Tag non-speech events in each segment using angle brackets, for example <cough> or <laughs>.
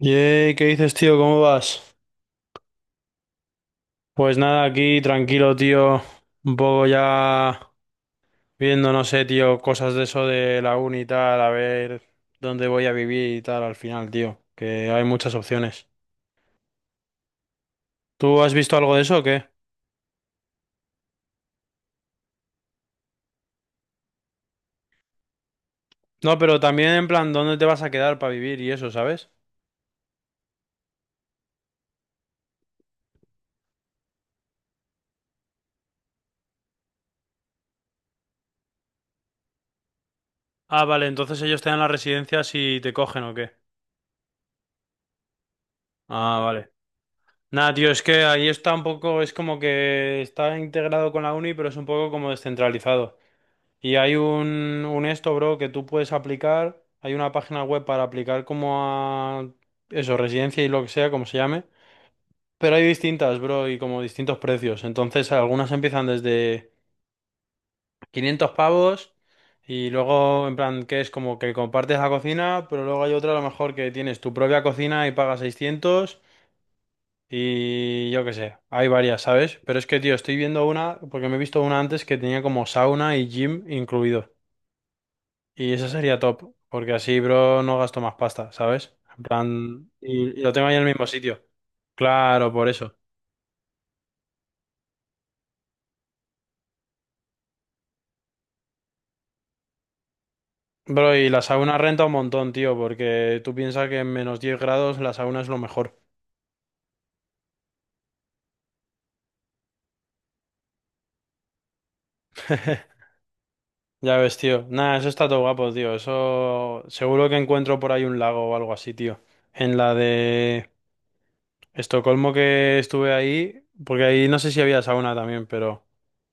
Yey, ¿qué dices, tío? ¿Cómo vas? Pues nada, aquí tranquilo, tío. Un poco ya viendo, no sé, tío, cosas de eso de la uni y tal, a ver dónde voy a vivir y tal al final, tío. Que hay muchas opciones. ¿Tú has visto algo de eso o qué? No, pero también en plan, ¿dónde te vas a quedar para vivir y eso, sabes? Ah, vale, entonces ellos te dan la residencia si te cogen o qué. Ah, vale. Nada, tío, es que ahí está un poco, es como que está integrado con la uni, pero es un poco como descentralizado. Y hay un esto, bro, que tú puedes aplicar. Hay una página web para aplicar como a eso, residencia y lo que sea, como se llame. Pero hay distintas, bro, y como distintos precios. Entonces, algunas empiezan desde 500 pavos y luego, en plan, que es como que compartes la cocina, pero luego hay otra a lo mejor que tienes tu propia cocina y pagas 600 y yo qué sé. Hay varias, ¿sabes? Pero es que, tío, estoy viendo una, porque me he visto una antes que tenía como sauna y gym incluidos. Y eso sería top, porque así, bro, no gasto más pasta, ¿sabes? En plan, y lo tengo ahí en el mismo sitio. Claro, por eso. Bro, y la sauna renta un montón, tío, porque tú piensas que en -10 grados la sauna es lo mejor. <laughs> Ya ves, tío. Nada, eso está todo guapo, tío. Eso seguro que encuentro por ahí un lago o algo así, tío. En la de Estocolmo que estuve ahí, porque ahí no sé si había sauna también, pero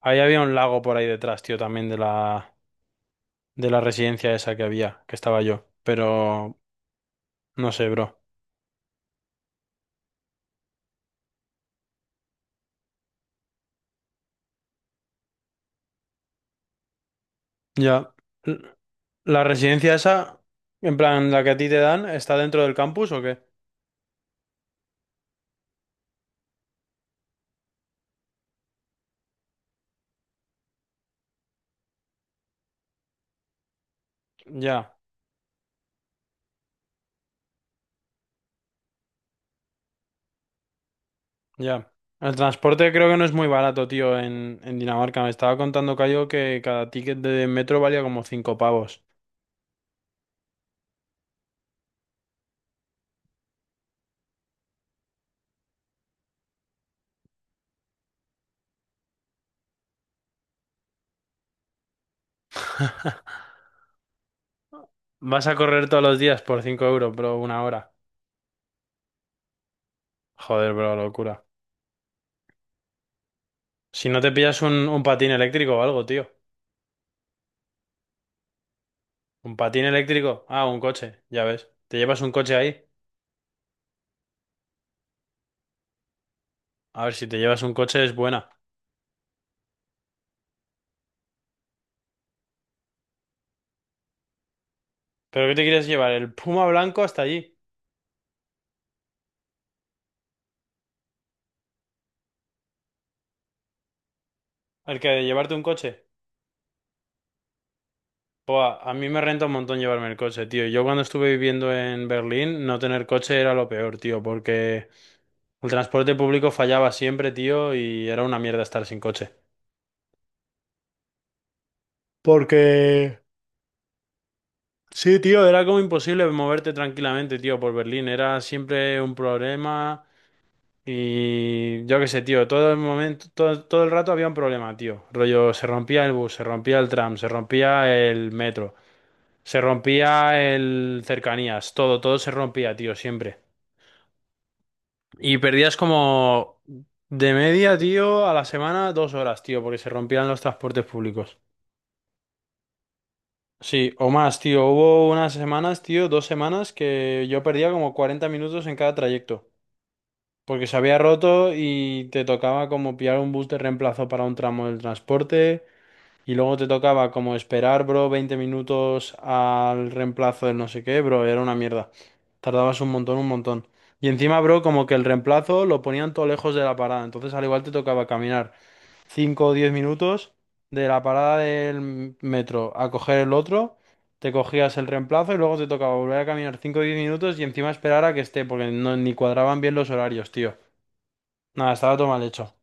ahí había un lago por ahí detrás, tío, también de la residencia esa que había, que estaba yo. Pero no sé, bro. Ya. L- ¿La residencia esa, en plan, la que a ti te dan, está dentro del campus o qué? Ya, ya. El transporte creo que no es muy barato, tío, en Dinamarca. Me estaba contando Cayo que cada ticket de metro valía como 5 pavos. <laughs> Vas a correr todos los días por 5 euros, bro, una hora. Joder, bro, locura. Si no te pillas un patín eléctrico o algo, tío. Un patín eléctrico. Ah, un coche, ya ves. Te llevas un coche ahí. A ver, si te llevas un coche es buena. ¿Pero qué te quieres llevar? ¿El Puma blanco hasta allí? ¿El que de llevarte un coche? Buah, a mí me renta un montón llevarme el coche, tío. Yo cuando estuve viviendo en Berlín, no tener coche era lo peor, tío, porque el transporte público fallaba siempre, tío, y era una mierda estar sin coche. Porque... Sí, tío, era como imposible moverte tranquilamente, tío, por Berlín. Era siempre un problema. Y yo qué sé, tío, todo el momento, todo, todo el rato había un problema, tío. Rollo, se rompía el bus, se rompía el tram, se rompía el metro, se rompía el cercanías, todo, todo se rompía, tío, siempre. Y perdías como de media, tío, a la semana 2 horas, tío, porque se rompían los transportes públicos. Sí, o más, tío. Hubo unas semanas, tío, dos semanas que yo perdía como 40 minutos en cada trayecto. Porque se había roto y te tocaba como pillar un bus de reemplazo para un tramo del transporte y luego te tocaba como esperar, bro, 20 minutos al reemplazo del no sé qué, bro, era una mierda. Tardabas un montón, un montón. Y encima, bro, como que el reemplazo lo ponían todo lejos de la parada, entonces al igual te tocaba caminar 5 o 10 minutos de la parada del metro a coger el otro. Te cogías el reemplazo y luego te tocaba volver a caminar 5 o 10 minutos y encima esperar a que esté, porque no, ni cuadraban bien los horarios, tío. Nada, estaba todo mal hecho.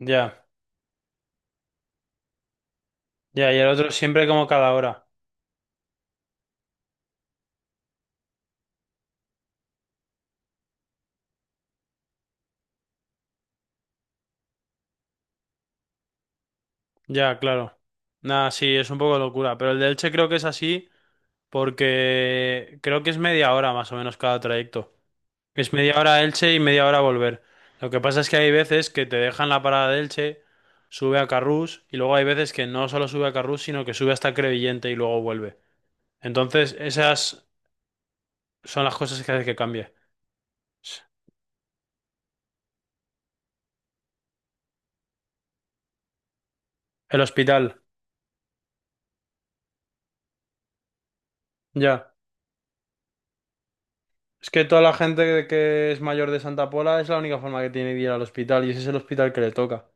Ya, ya, y el otro siempre como cada hora. Ya, claro. Nada, sí, es un poco locura. Pero el de Elche creo que es así porque creo que es media hora más o menos cada trayecto. Es media hora a Elche y media hora a volver. Lo que pasa es que hay veces que te dejan la parada de Elche, sube a Carrús y luego hay veces que no solo sube a Carrús, sino que sube hasta Crevillente y luego vuelve. Entonces, esas son las cosas que hace que cambie. El hospital, ya. Es que toda la gente que es mayor de Santa Pola es la única forma que tiene de ir al hospital y ese es el hospital que le toca.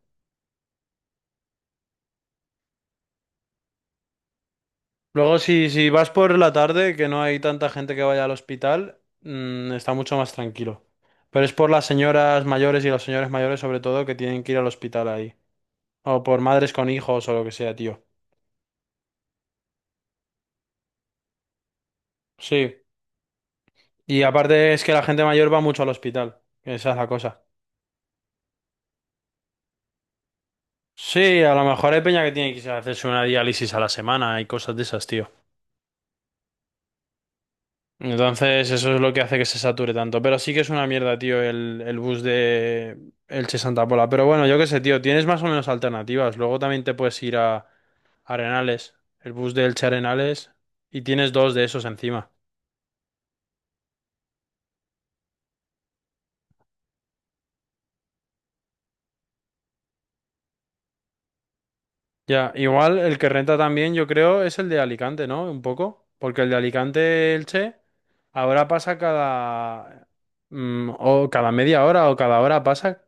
Luego, si, si vas por la tarde, que no hay tanta gente que vaya al hospital, está mucho más tranquilo. Pero es por las señoras mayores y los señores mayores sobre todo que tienen que ir al hospital ahí. O por madres con hijos o lo que sea, tío. Sí. Y aparte es que la gente mayor va mucho al hospital. Esa es la cosa. Sí, a lo mejor hay peña que tiene que irse a hacerse una diálisis a la semana y cosas de esas, tío. Entonces, eso es lo que hace que se sature tanto. Pero sí que es una mierda, tío, el bus de Elche Santa Pola. Pero bueno, yo qué sé, tío, tienes más o menos alternativas. Luego también te puedes ir a Arenales, el bus de Elche Arenales, y tienes dos de esos encima. Ya, igual el que renta también, yo creo, es el de Alicante, ¿no? Un poco. Porque el de Alicante Elche ahora pasa cada. O cada media hora o cada hora pasa.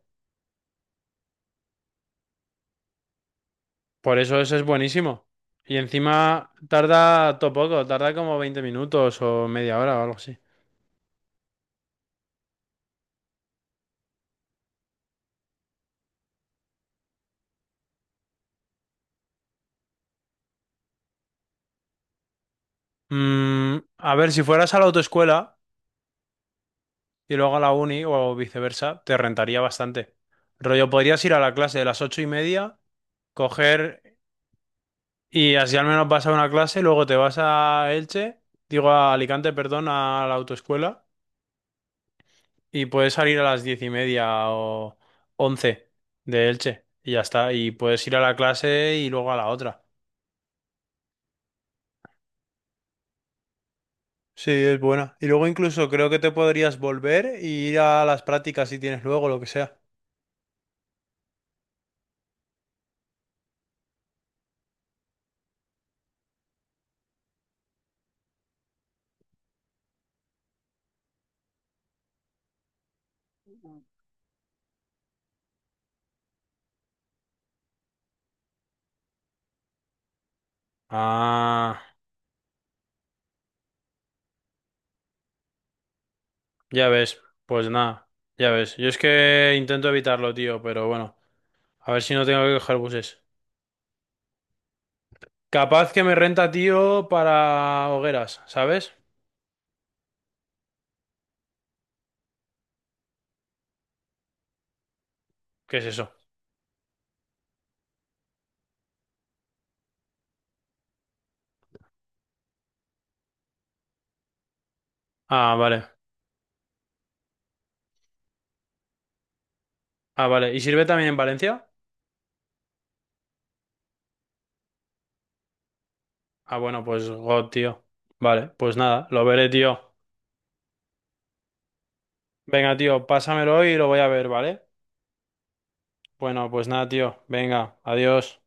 Por eso eso es buenísimo. Y encima tarda todo poco, tarda como 20 minutos o media hora o algo así. Mm, a ver, si fueras a la autoescuela y luego a la uni o viceversa, te rentaría bastante. Rollo, podrías ir a la clase de las 8:30, coger y así al menos vas a una clase, luego te vas a Elche, digo a Alicante, perdón, a la autoescuela y puedes salir a las 10:30 o 11 de Elche y ya está. Y puedes ir a la clase y luego a la otra. Sí, es buena. Y luego incluso creo que te podrías volver y ir a las prácticas si tienes luego, lo que sea. Ah, ya ves, pues nada, ya ves. Yo es que intento evitarlo, tío, pero bueno, a ver si no tengo que coger buses. Capaz que me renta, tío, para hogueras, ¿sabes? ¿Qué es eso? Ah, vale. Ah, vale. ¿Y sirve también en Valencia? Ah, bueno, pues God, tío. Vale, pues nada, lo veré, tío. Venga, tío, pásamelo y lo voy a ver, ¿vale? Bueno, pues nada, tío. Venga, adiós.